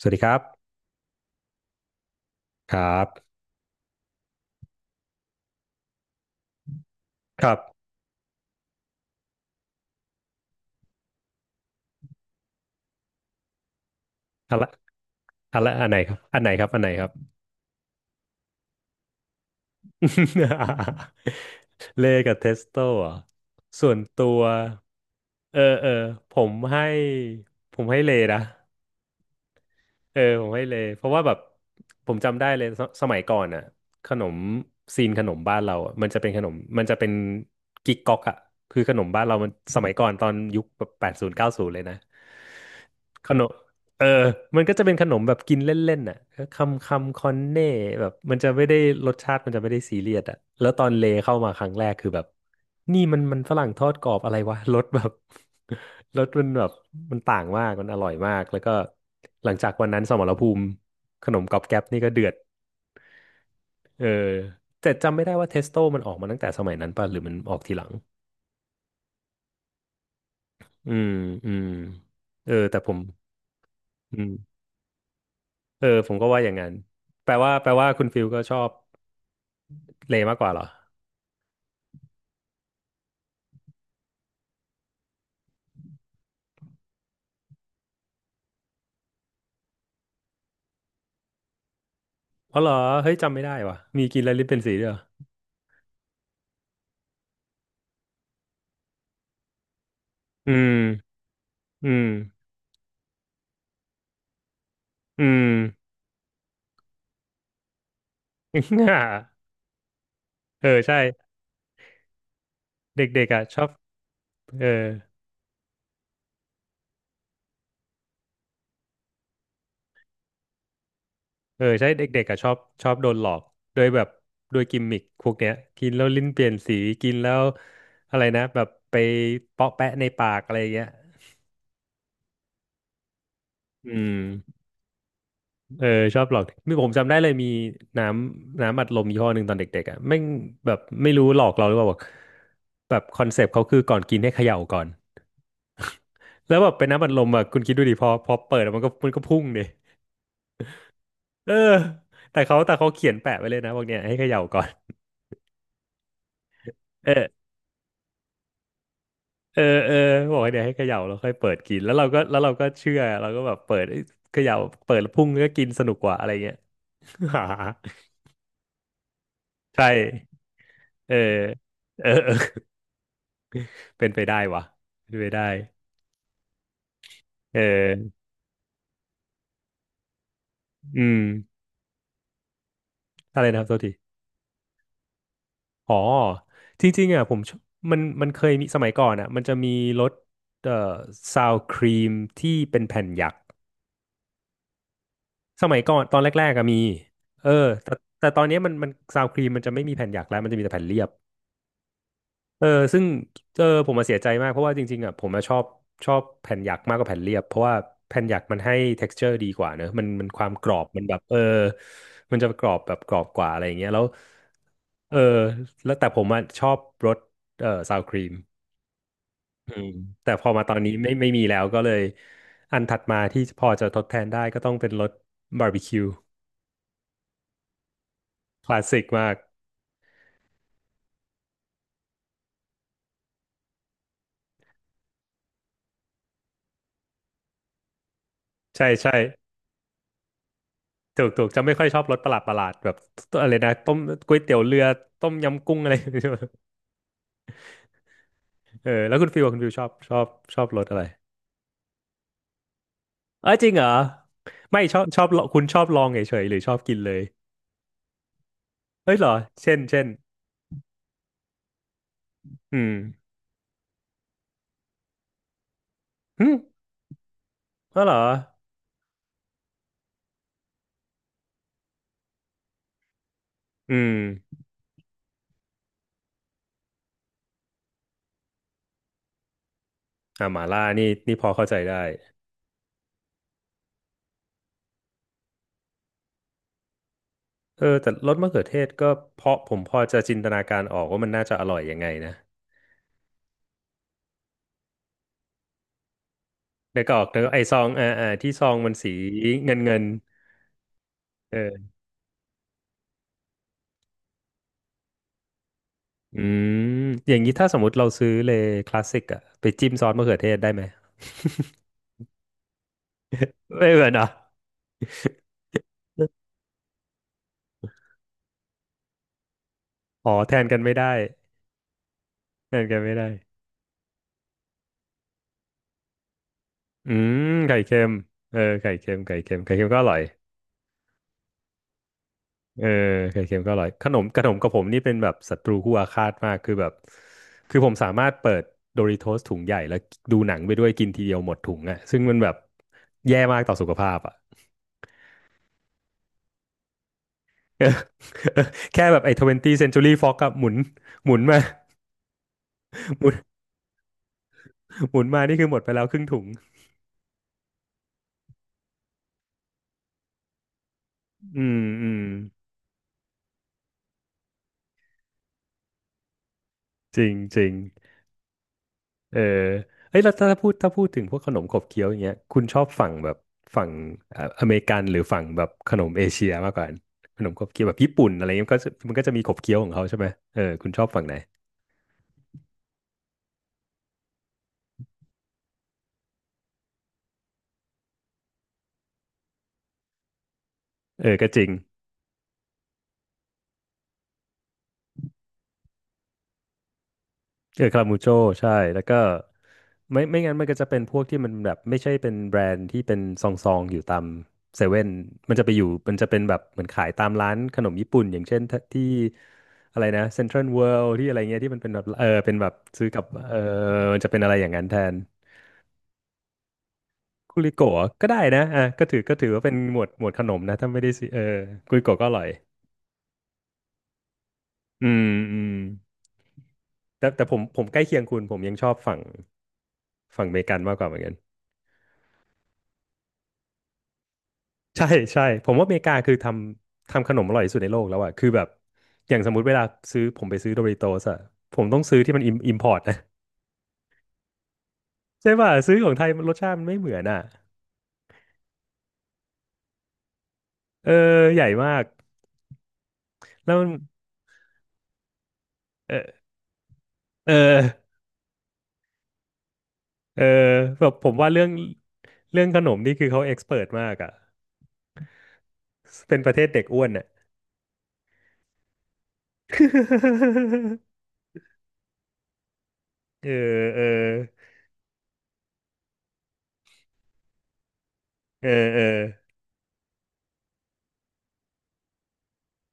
สวัสดีครับครับครับอันลอันไหนครับอันไหนครับอันไหนครับ เลกับเทสโต้อหส่วนตัวเออผมให้ผมให้เลนะเออผมให้เลเพราะว่าแบบผมจำได้เลยสมัยก่อนอ่ะขนมขนมบ้านเราอะมันจะเป็นขนมมันจะเป็นกิ๊กก๊อกอ่ะคือขนมบ้านเรามันสมัยก่อนตอนยุคแบบแปดศูนย์เก้าศูนย์เลยนะขนม เออมันก็จะเป็นขนมแบบกินเล่นๆน่ะคำคอนเน่แบบมันจะไม่ได้รสชาติมันจะไม่ได้ซีเรียสอ่ะแล้วตอนเลเข้ามาครั้งแรกคือแบบนี่มันฝรั่งทอดกรอบอะไรวะ รสแบบ รสมันแบบมันต่างมากมันอร่อยมากแล้วก็หลังจากวันนั้นสมรภูมิขนมก๊อบแก๊บนี่ก็เดือดเออแต่จำไม่ได้ว่าเทสโต้มันออกมาตั้งแต่สมัยนั้นป่ะหรือมันออกทีหลังอืมอืมเออแต่ผมอืมเออผมก็ว่าอย่างนั้นแปลว่าคุณฟิลก็ชอบ เลมากกว่าเหรออ๋อเหรอเฮ้ยจำไม่ได้ว่ะมีกินแล้วลินเป็นสีด้วยเหรออืมอืมอืม เออใช่เด็กๆอ่ะชอบเออเออใช่เด็กๆอ่ะชอบชอบโดนหลอกโดยแบบโดยกิมมิคพวกเนี้ยกินแล้วลิ้นเปลี่ยนสีกินแล้วอะไรนะแบบไปเปาะแปะในปากอะไรอย่างเงี้ยอืมเออชอบหลอกมีผมจำได้เลยมีน้น้ำอัดลมยี่ห้อหนึ่งตอนเด็กๆอ่ะแม่งแบบไม่รู้หลอกเราหรือเปล่าบอกแบบคอนเซปต์เขาคือก่อนกินให้เขย่าก่อน แล้วแบบเป็นน้ำอัดลมอ่ะคุณคิดดูดิพอเปิดอะมันก็พุ่งดิเออแต่เขาเขียนแปะไว้เลยนะบอกเนี่ยให้เขย่าก่อนเออเออบอกให้เนี่ยวให้เขย่าแล้วค่อยเปิดกินแล้วเราก็เชื่อเราก็แบบเปิดเอ้ยเขย่าเปิดแล้วพุ่งก็กินสนุกกว่าอะไรเงี้ย หาใช่เออเออเป็นไปได้วะเป็นไปได้เอออืมอะไรนะครับโทษที อ๋อจริงๆอ่ะผมชอบมันเคยมีสมัยก่อนอ่ะมันจะมีรสเอ่อซาวครีมที่เป็นแผ่นหยักสมัยก่อนตอนแรกๆก็มีเออแต่แต่ตอนเนี้ยมันซาวครีมมันจะไม่มีแผ่นหยักแล้วมันจะมีแต่แผ่นเรียบเออซึ่งเออผมมาเสียใจมากเพราะว่าจริงๆอ่ะผมมาชอบชอบแผ่นหยักมากกว่าแผ่นเรียบเพราะว่าแผ่นหยักมันให้ texture ดีกว่าเนอะมันความกรอบมันแบบเออมันจะกรอบแบบกรอบกว่าอะไรอย่างเงี้ยแล้วเออแล้วแต่ผมอ่ะชอบรสซาวครีม อืมแต่พอมาตอนนี้ไม่มีแล้วก็เลยอันถัดมาที่พอจะทดแทนได้ก็ต้องเป็นรสบาร์บีคิวคลาสสิกมากใช่ใช่ถูกจะไม่ค่อยชอบรสประหลาดแบบอะไรนะต้มก๋วยเตี๋ยวเรือต้มยำกุ้งอะไร เออแล้วคุณฟิวอะคุณฟิวชอบรสอะไรเออจริงเหรอไม่ชอบชอบลองคุณชอบลองเฉยๆหรือชอบกินเลยเฮ้ยเหรอเช่นอืมหึอ๋อเหรออืมอ่าหม่าล่านี่นี่พอเข้าใจได้ เออแต่รสมะเขือเทศก็เพราะผมพอจะจินตนาการออกว่ามันน่าจะอร่อยยังไงนะนึกออกนึกออกไอซองอ่าอ่าที่ซองมันสีเงินเอออืมอย่างนี้ถ้าสมมติเราซื้อเลยคลาสสิกอะไปจิ้มซอสมะเขือเทศได้ไหม ไม่เหมือนเหรออ๋อแทนกันไม่ได้แทนกันไม่ได้อืมไข่เค็มเออไข่เค็มไข่เค็มก็อร่อย เออไข่เค็มก็อร่อยขนมกับผมนี่เป็นแบบศัตรูคู่อาฆาตมากคือแบบคือผมสามารถเปิดโดริโทสถุงใหญ่แล้วดูหนังไปด้วยกินทีเดียวหมดถุงอ่ะซึ่งมันแบบแย่มากต่อสุขภาพอ่ะ เออแค่แบบไอ้ 20th Century Fox อะหมุนหมุนมาหมุนหมุนมานี่คือหมดไปแล้วครึ่งถุงอืมอืมจริงจริง เออเอ้ยแล้วถ้าพูดถึงพวกขนมขบเคี้ยวอย่างเงี้ยคุณชอบฝั่งแบบฝั่งอเมริกันหรือฝั่งแบบขนมเอเชียมากกว่ากันขนมขบเคี้ยวแบบญี่ปุ่นอะไรเงี้ยมันก็จะมีขบเคี้ยวของเขาใช่ไหมเออคุณชอบฝั่งไหนเออก็จริง เออคามูโจใช่แล้วก็ไม่งั้นมันก็จะเป็นพวกที่มันแบบไม่ใช่เป็นแบรนด์ที่เป็นซองซองอยู่ตามเซเว่นมันจะเป็นแบบเหมือนขายตามร้านขนมญี่ปุ่นอย่างเช่นที่อะไรนะเซ็นทรัลเวิลด์ที่อะไรเงี้ยที่มันเป็นแบบเป็นแบบซื้อกับมันจะเป็นอะไรอย่างนั้นแทนกุลิโกะก็ได้นะอ่ะก็ถือว่าเป็นหมวดขนมนะถ้าไม่ได้ซืเออกุลิโกะก็อร่อยอืมอืมแต่ผมใกล้เคียงคุณผมยังชอบฝั่งอเมริกันมากกว่าเหมือนกัน ใช่ใช่ผมว่าอเมริกาคือทำขนมอร่อยที่สุดในโลกแล้วอะคือแบบอย่างสมมุติเวลาซื้อผมไปซื้อโดริโตสอะผมต้องซื้อที่มันอิมพอร์ตนะใช่ป่ะซื้อของไทยมันรสชาติมันไม่เหมือนอะเออใหญ่มากแล้วมันเออเออเออแบบผมว่าเรื่องขนมนี่คือเขาเอ็กซ์เพิร์มากอะเป็นประเทศเด็กอ้วนอะ เออเออเออเออ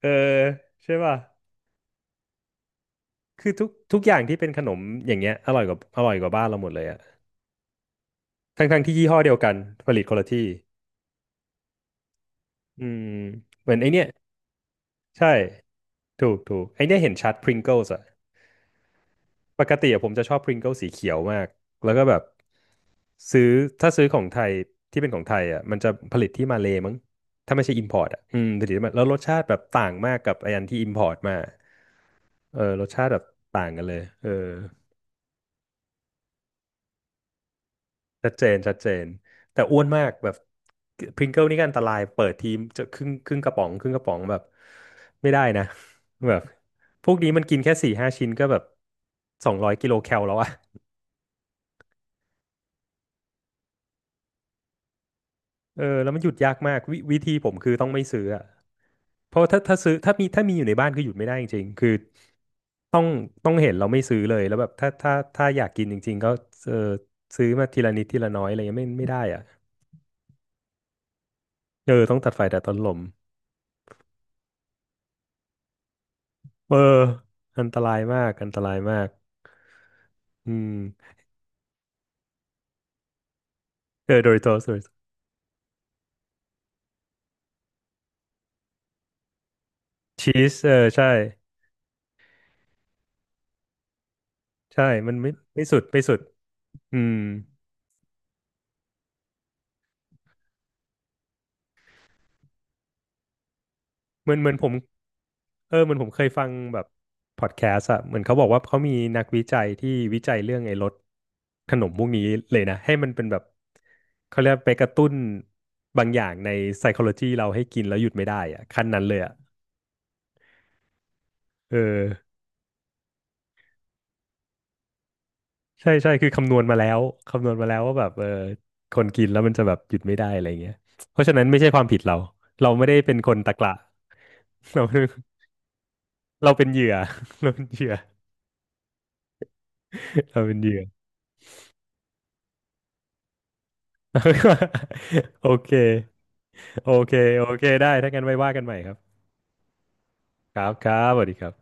เออใช่ป่ะคือทุกทุกอย่างที่เป็นขนมอย่างเงี้ยอร่อยกว่าอร่อยกว่าบ้านเราหมดเลยอะ ทั้งที่ยี่ห้อเดียวกันผลิตคนละที่อืมเหมือนไอเนี้ยใช่ถูกถูกไอเนี้ยเห็นชัด Pringles อะปกติอะผมจะชอบ Pringles สีเขียวมากแล้วก็แบบซื้อถ้าซื้อของไทยที่เป็นของไทยอะมันจะผลิตที่มาเลย์มั้งถ้าไม่ใช่ import อะอืมผลิตที่มาแล้วรสชาติแบบต่างมากกับไออันที่ import มาเออรสชาติแบบต่างกันเลยเออ ชัดเจนชัดเจนแต่อ้วนมากแบบพริงเกิลนี่ก็อันตรายเปิดทีมจะครึ่งกระป๋องครึ่งกระป๋องแบบไม่ได้นะ แบบพวกนี้มันกินแค่4-5ชิ้นก็แบบ200กิโลแคลแล้วอะเออแล้วมันหยุดยากมากวิธีผมคือต้องไม่ซื้ออะเพราะถ้าซื้อถ้ามีอยู่ในบ้านคือหยุดไม่ได้จริงๆคือต้องต้องเห็นเราไม่ซื้อเลยแล้วแบบถ้าอยากกินจริงๆก็เออซื้อมาทีละนิดทีละน้อยอะไรเงี้ยไม่ได้อะเออต้องตัดไฟแต่ต้นลมเอออันตรายมากอันตรายมาก อืมเออโดริโตสชีสเออใช่ใช่มันไม่สุดไม่สุดอืมเหมือนผมเหมือนผมเคยฟังแบบพอดแคสต์อะเหมือนเขาบอกว่าเขามีนักวิจัยที่วิจัยเรื่องไอ้รสขนมพวกนี้เลยนะให้มันเป็นแบบเขาเรียกไปกระตุ้นบางอย่างใน psychology เราให้กินแล้วหยุดไม่ได้อะขั้นนั้นเลยอะเออใช่ใช่คือคำนวณมาแล้วว่าแบบคนกินแล้วมันจะแบบหยุดไม่ได้อะไรเงี้ยเพราะฉะนั้นไม่ใช่ความผิดเราเราไม่ได้เป็นคนตะกละ เราเราเป็นเหยื่อเราเป็นเหยื่อเราเป็นเหยื่อ โอเคโอเคโอเคได้ถ้างั้นไว้ว่ากันใหม่ครับครับครับสวัสดีครับ